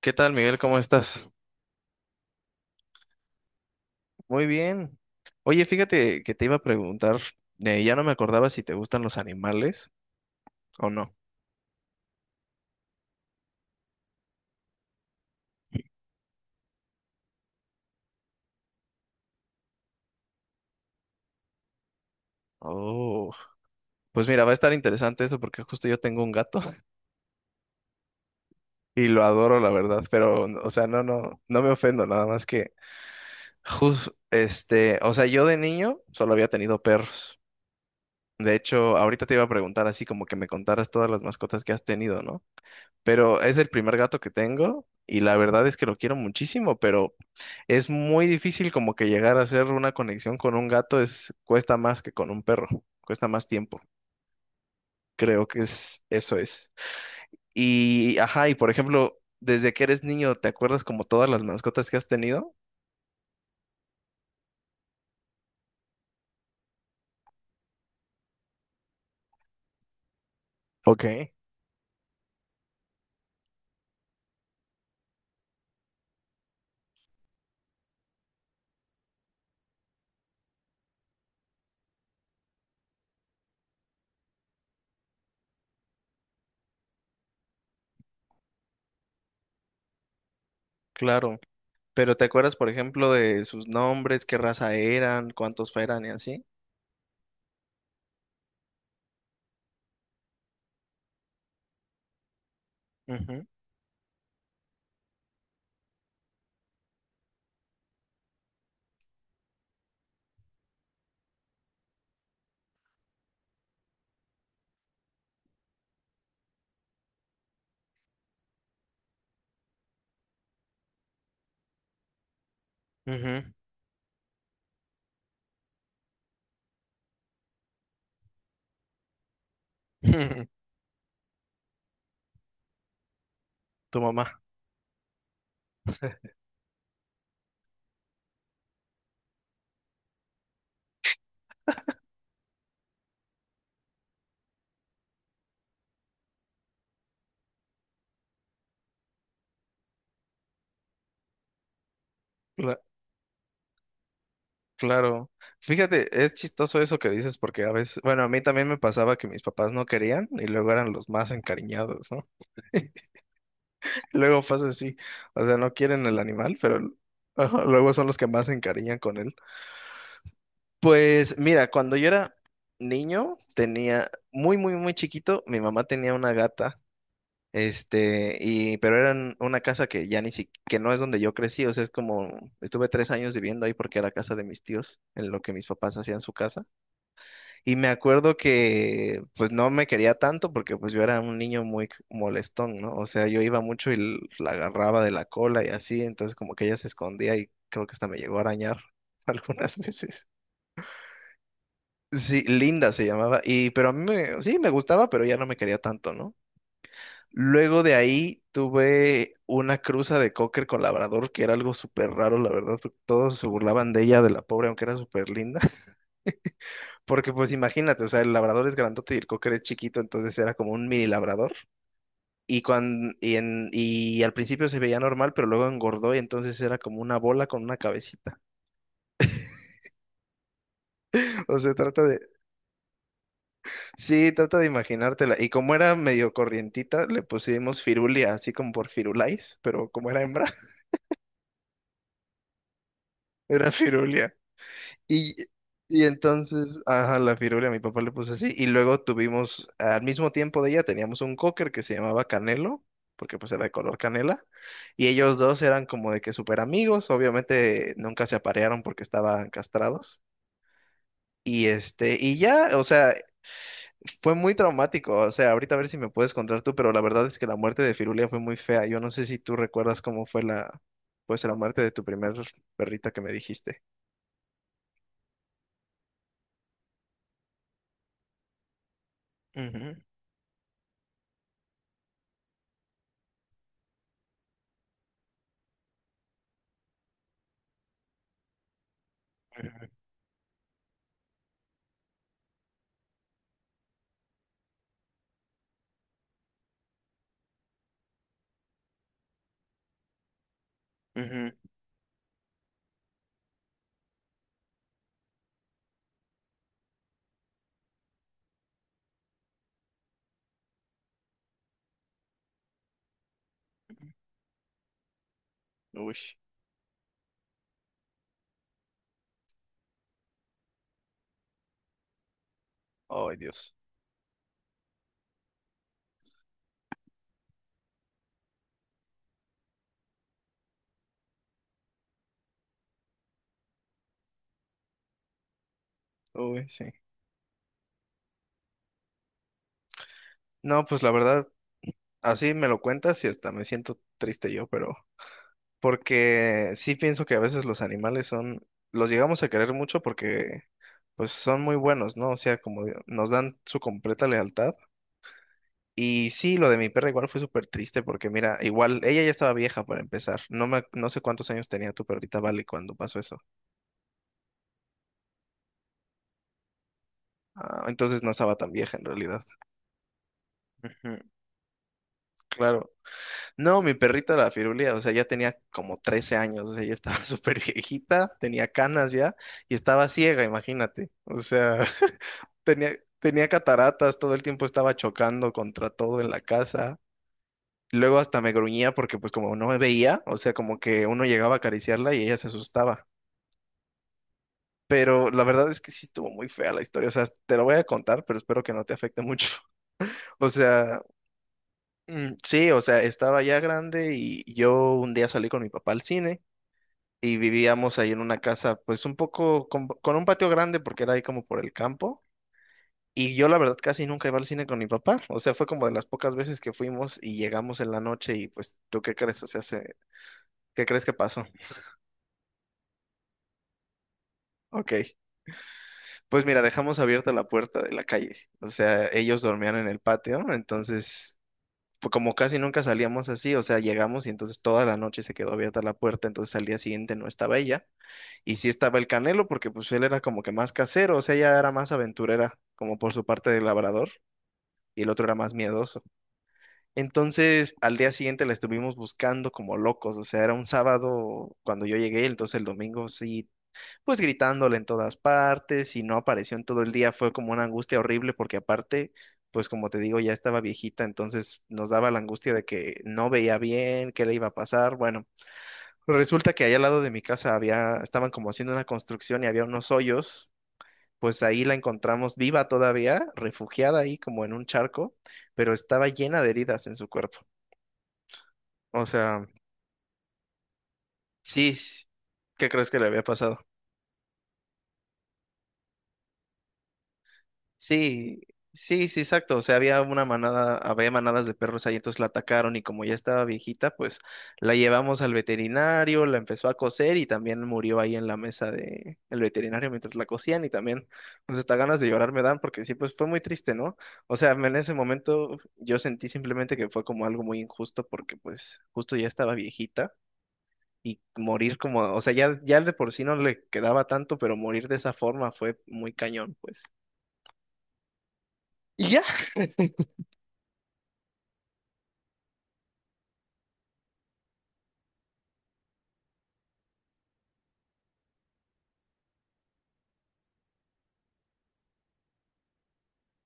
¿Qué tal, Miguel? ¿Cómo estás? Muy bien. Oye, fíjate que te iba a preguntar, ya no me acordaba si te gustan los animales o no. Oh, pues mira, va a estar interesante eso porque justo yo tengo un gato y lo adoro, la verdad, pero, o sea, no, no, no me ofendo, nada más que, o sea, yo de niño solo había tenido perros. De hecho, ahorita te iba a preguntar así como que me contaras todas las mascotas que has tenido, ¿no? Pero es el primer gato que tengo y la verdad es que lo quiero muchísimo, pero es muy difícil como que llegar a hacer una conexión con un gato, es cuesta más que con un perro, cuesta más tiempo. Creo que es eso es. Y ajá, y por ejemplo, desde que eres niño, ¿te acuerdas como todas las mascotas que has tenido? Ok, claro. Pero ¿te acuerdas, por ejemplo, de sus nombres, qué raza eran, cuántos eran y así? Ujú, ujú. Tu mamá. Claro, fíjate, es chistoso eso que dices porque a veces, bueno, a mí también me pasaba que mis papás no querían y luego eran los más encariñados, ¿no? Luego pasa así, o sea, no quieren el animal, pero ajá, luego son los que más se encariñan con él. Pues mira, cuando yo era niño, tenía muy, muy, muy chiquito, mi mamá tenía una gata, y, pero era en una casa que ya ni siquiera, que no es donde yo crecí, o sea, es como, estuve 3 años viviendo ahí porque era casa de mis tíos, en lo que mis papás hacían su casa. Y me acuerdo que pues no me quería tanto porque pues yo era un niño muy molestón, ¿no? O sea, yo iba mucho y la agarraba de la cola y así, entonces como que ella se escondía y creo que hasta me llegó a arañar algunas veces. Sí, Linda se llamaba y pero a mí me, sí me gustaba, pero ya no me quería tanto, ¿no? Luego de ahí tuve una cruza de cocker con labrador que era algo súper raro, la verdad, porque todos se burlaban de ella, de la pobre, aunque era súper linda. Porque pues imagínate, o sea, el labrador es grandote y el cocker es chiquito, entonces era como un mini labrador. Y al principio se veía normal, pero luego engordó y entonces era como una bola con una cabecita. O sea, trata de... Sí, trata de imaginártela. Y como era medio corrientita, le pusimos Firulia, así como por Firulais, pero como era hembra, era Firulia. Y, y entonces, ajá, la firula, mi papá le puso así. Y luego tuvimos, al mismo tiempo de ella, teníamos un cocker que se llamaba Canelo, porque pues era de color canela. Y ellos dos eran como de que súper amigos. Obviamente nunca se aparearon porque estaban castrados. Y este, y ya, o sea, fue muy traumático. O sea, ahorita a ver si me puedes contar tú, pero la verdad es que la muerte de Firulia fue muy fea. Yo no sé si tú recuerdas cómo fue la muerte de tu primer perrita que me dijiste. Ujú, ujú, ujú. Uy. Ay, Dios. Uy, sí. No, pues la verdad, así me lo cuentas y hasta me siento triste yo, pero porque sí pienso que a veces los animales son, los llegamos a querer mucho porque pues son muy buenos, ¿no? O sea, como de- nos dan su completa lealtad. Y sí, lo de mi perra igual fue súper triste porque mira, igual ella ya estaba vieja para empezar. No me, no sé cuántos años tenía tu perrita Vale cuando pasó eso. Ah, entonces no estaba tan vieja en realidad. Ujú, claro. No, mi perrita la Firulia, o sea, ya tenía como 13 años, o sea, ya estaba súper viejita, tenía canas ya y estaba ciega, imagínate. O sea, tenía, tenía cataratas, todo el tiempo estaba chocando contra todo en la casa. Luego hasta me gruñía porque pues como no me veía, o sea, como que uno llegaba a acariciarla y ella se asustaba. Pero la verdad es que sí estuvo muy fea la historia, o sea, te lo voy a contar, pero espero que no te afecte mucho. O sea, sí, o sea, estaba ya grande y yo un día salí con mi papá al cine y vivíamos ahí en una casa, pues un poco con un patio grande porque era ahí como por el campo. Y yo la verdad casi nunca iba al cine con mi papá. O sea, fue como de las pocas veces que fuimos y llegamos en la noche y pues, ¿tú qué crees? O sea, ¿qué crees que pasó? Ok, pues mira, dejamos abierta la puerta de la calle. O sea, ellos dormían en el patio, entonces... pues, como casi nunca salíamos así, o sea, llegamos y entonces toda la noche se quedó abierta la puerta, entonces al día siguiente no estaba ella. Y sí estaba el Canelo, porque pues él era como que más casero, o sea, ella era más aventurera, como por su parte de labrador, y el otro era más miedoso. Entonces, al día siguiente la estuvimos buscando como locos, o sea, era un sábado cuando yo llegué, entonces el domingo sí, pues gritándole en todas partes, y no apareció en todo el día, fue como una angustia horrible, porque aparte, pues como te digo, ya estaba viejita, entonces nos daba la angustia de que no veía bien, qué le iba a pasar, bueno. Resulta que allá al lado de mi casa había, estaban como haciendo una construcción y había unos hoyos. Pues ahí la encontramos viva todavía, refugiada ahí como en un charco, pero estaba llena de heridas en su cuerpo. O sea, sí, ¿qué crees que le había pasado? Sí, sí, sí, exacto. O sea, había una manada, había manadas de perros ahí, entonces la atacaron y como ya estaba viejita, pues la llevamos al veterinario, la empezó a coser y también murió ahí en la mesa de el veterinario mientras la cosían y también, pues hasta ganas de llorar me dan porque sí, pues fue muy triste, ¿no? O sea, en ese momento yo sentí simplemente que fue como algo muy injusto porque pues justo ya estaba viejita. Y morir como, o sea, ya, ya de por sí no le quedaba tanto, pero morir de esa forma fue muy cañón, pues. Y ya,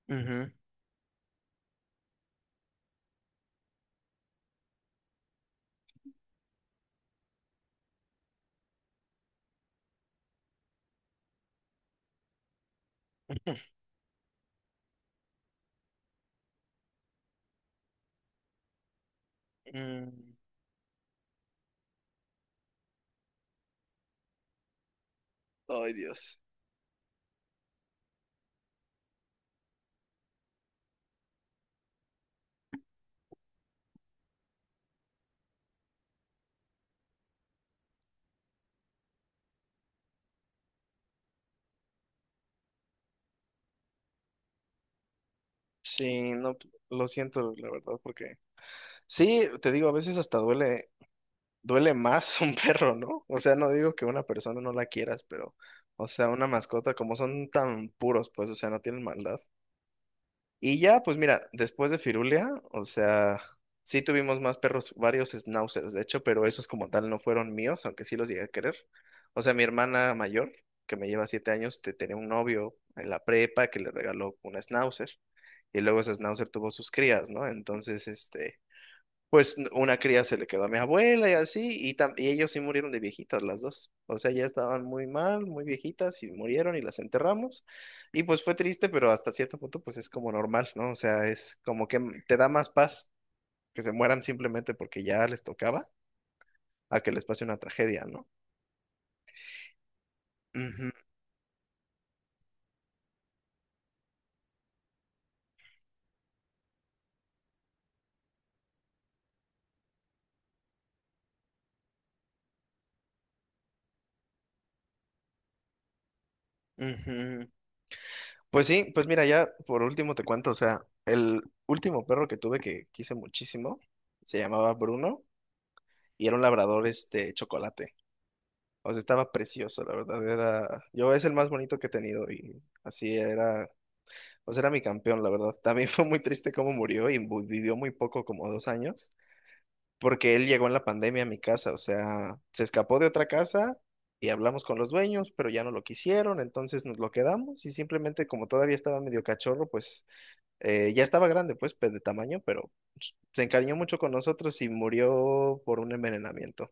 Ujú. Mm, Ay, Dios. Sí, no, lo siento, la verdad, porque sí, te digo, a veces hasta duele, duele más un perro, ¿no? O sea, no digo que una persona no la quieras, pero, o sea, una mascota, como son tan puros, pues, o sea, no tienen maldad. Y ya, pues mira, después de Firulia, o sea, sí tuvimos más perros, varios schnauzers, de hecho, pero esos como tal no fueron míos, aunque sí los llegué a querer. O sea, mi hermana mayor, que me lleva 7 años, tenía un novio en la prepa que le regaló un schnauzer, y luego ese schnauzer tuvo sus crías, ¿no? Entonces, este, pues una cría se le quedó a mi abuela y así, y, tam- y ellos sí murieron de viejitas las dos. O sea, ya estaban muy mal, muy viejitas y murieron y las enterramos. Y pues fue triste, pero hasta cierto punto pues es como normal, ¿no? O sea, es como que te da más paz que se mueran simplemente porque ya les tocaba a que les pase una tragedia, ¿no? Ujú, ujú. Pues sí, pues mira, ya por último te cuento, o sea, el último perro que tuve que quise muchísimo se llamaba Bruno y era un labrador este chocolate. O sea, estaba precioso, la verdad. Era, yo es el más bonito que he tenido y así era, o sea, era mi campeón, la verdad. También fue muy triste cómo murió y vivió muy poco, como 2 años, porque él llegó en la pandemia a mi casa, o sea, se escapó de otra casa y hablamos con los dueños, pero ya no lo quisieron, entonces nos lo quedamos y simplemente como todavía estaba medio cachorro, pues ya estaba grande, pues de tamaño, pero se encariñó mucho con nosotros y murió por un envenenamiento.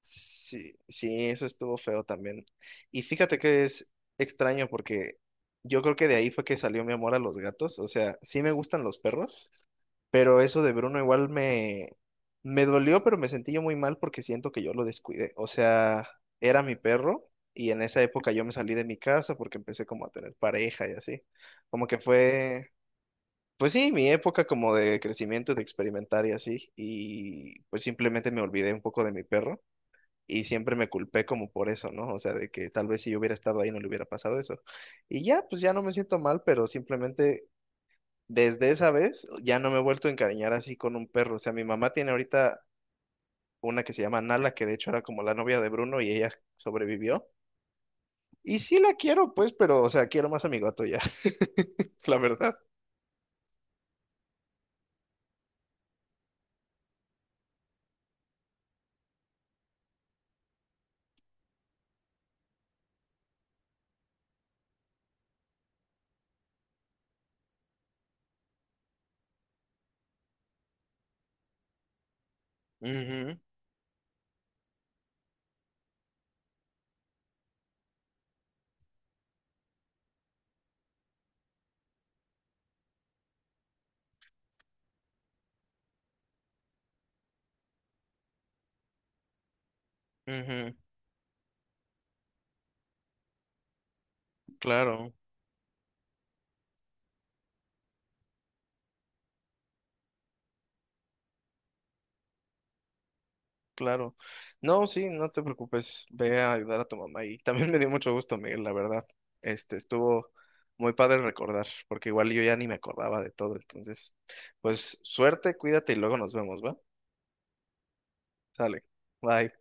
Sí, sí, eso estuvo feo también. Y fíjate que es extraño porque yo creo que de ahí fue que salió mi amor a los gatos. O sea, sí me gustan los perros, pero eso de Bruno igual me, me dolió, pero me sentí yo muy mal porque siento que yo lo descuidé. O sea, era mi perro y en esa época yo me salí de mi casa porque empecé como a tener pareja y así. Como que fue, pues sí, mi época como de crecimiento, de experimentar y así. Y pues simplemente me olvidé un poco de mi perro. Y siempre me culpé como por eso, ¿no? O sea, de que tal vez si yo hubiera estado ahí no le hubiera pasado eso. Y ya, pues ya no me siento mal, pero simplemente desde esa vez ya no me he vuelto a encariñar así con un perro. O sea, mi mamá tiene ahorita una que se llama Nala, que de hecho era como la novia de Bruno y ella sobrevivió. Y sí la quiero, pues, pero, o sea, quiero más a mi gato ya, la verdad. Ujú, ujú, claro. Claro. No, sí, no te preocupes. Ve a ayudar a tu mamá. Y también me dio mucho gusto, Miguel, la verdad. Este, estuvo muy padre recordar, porque igual yo ya ni me acordaba de todo. Entonces, pues suerte, cuídate y luego nos vemos, ¿va? Sale. Bye.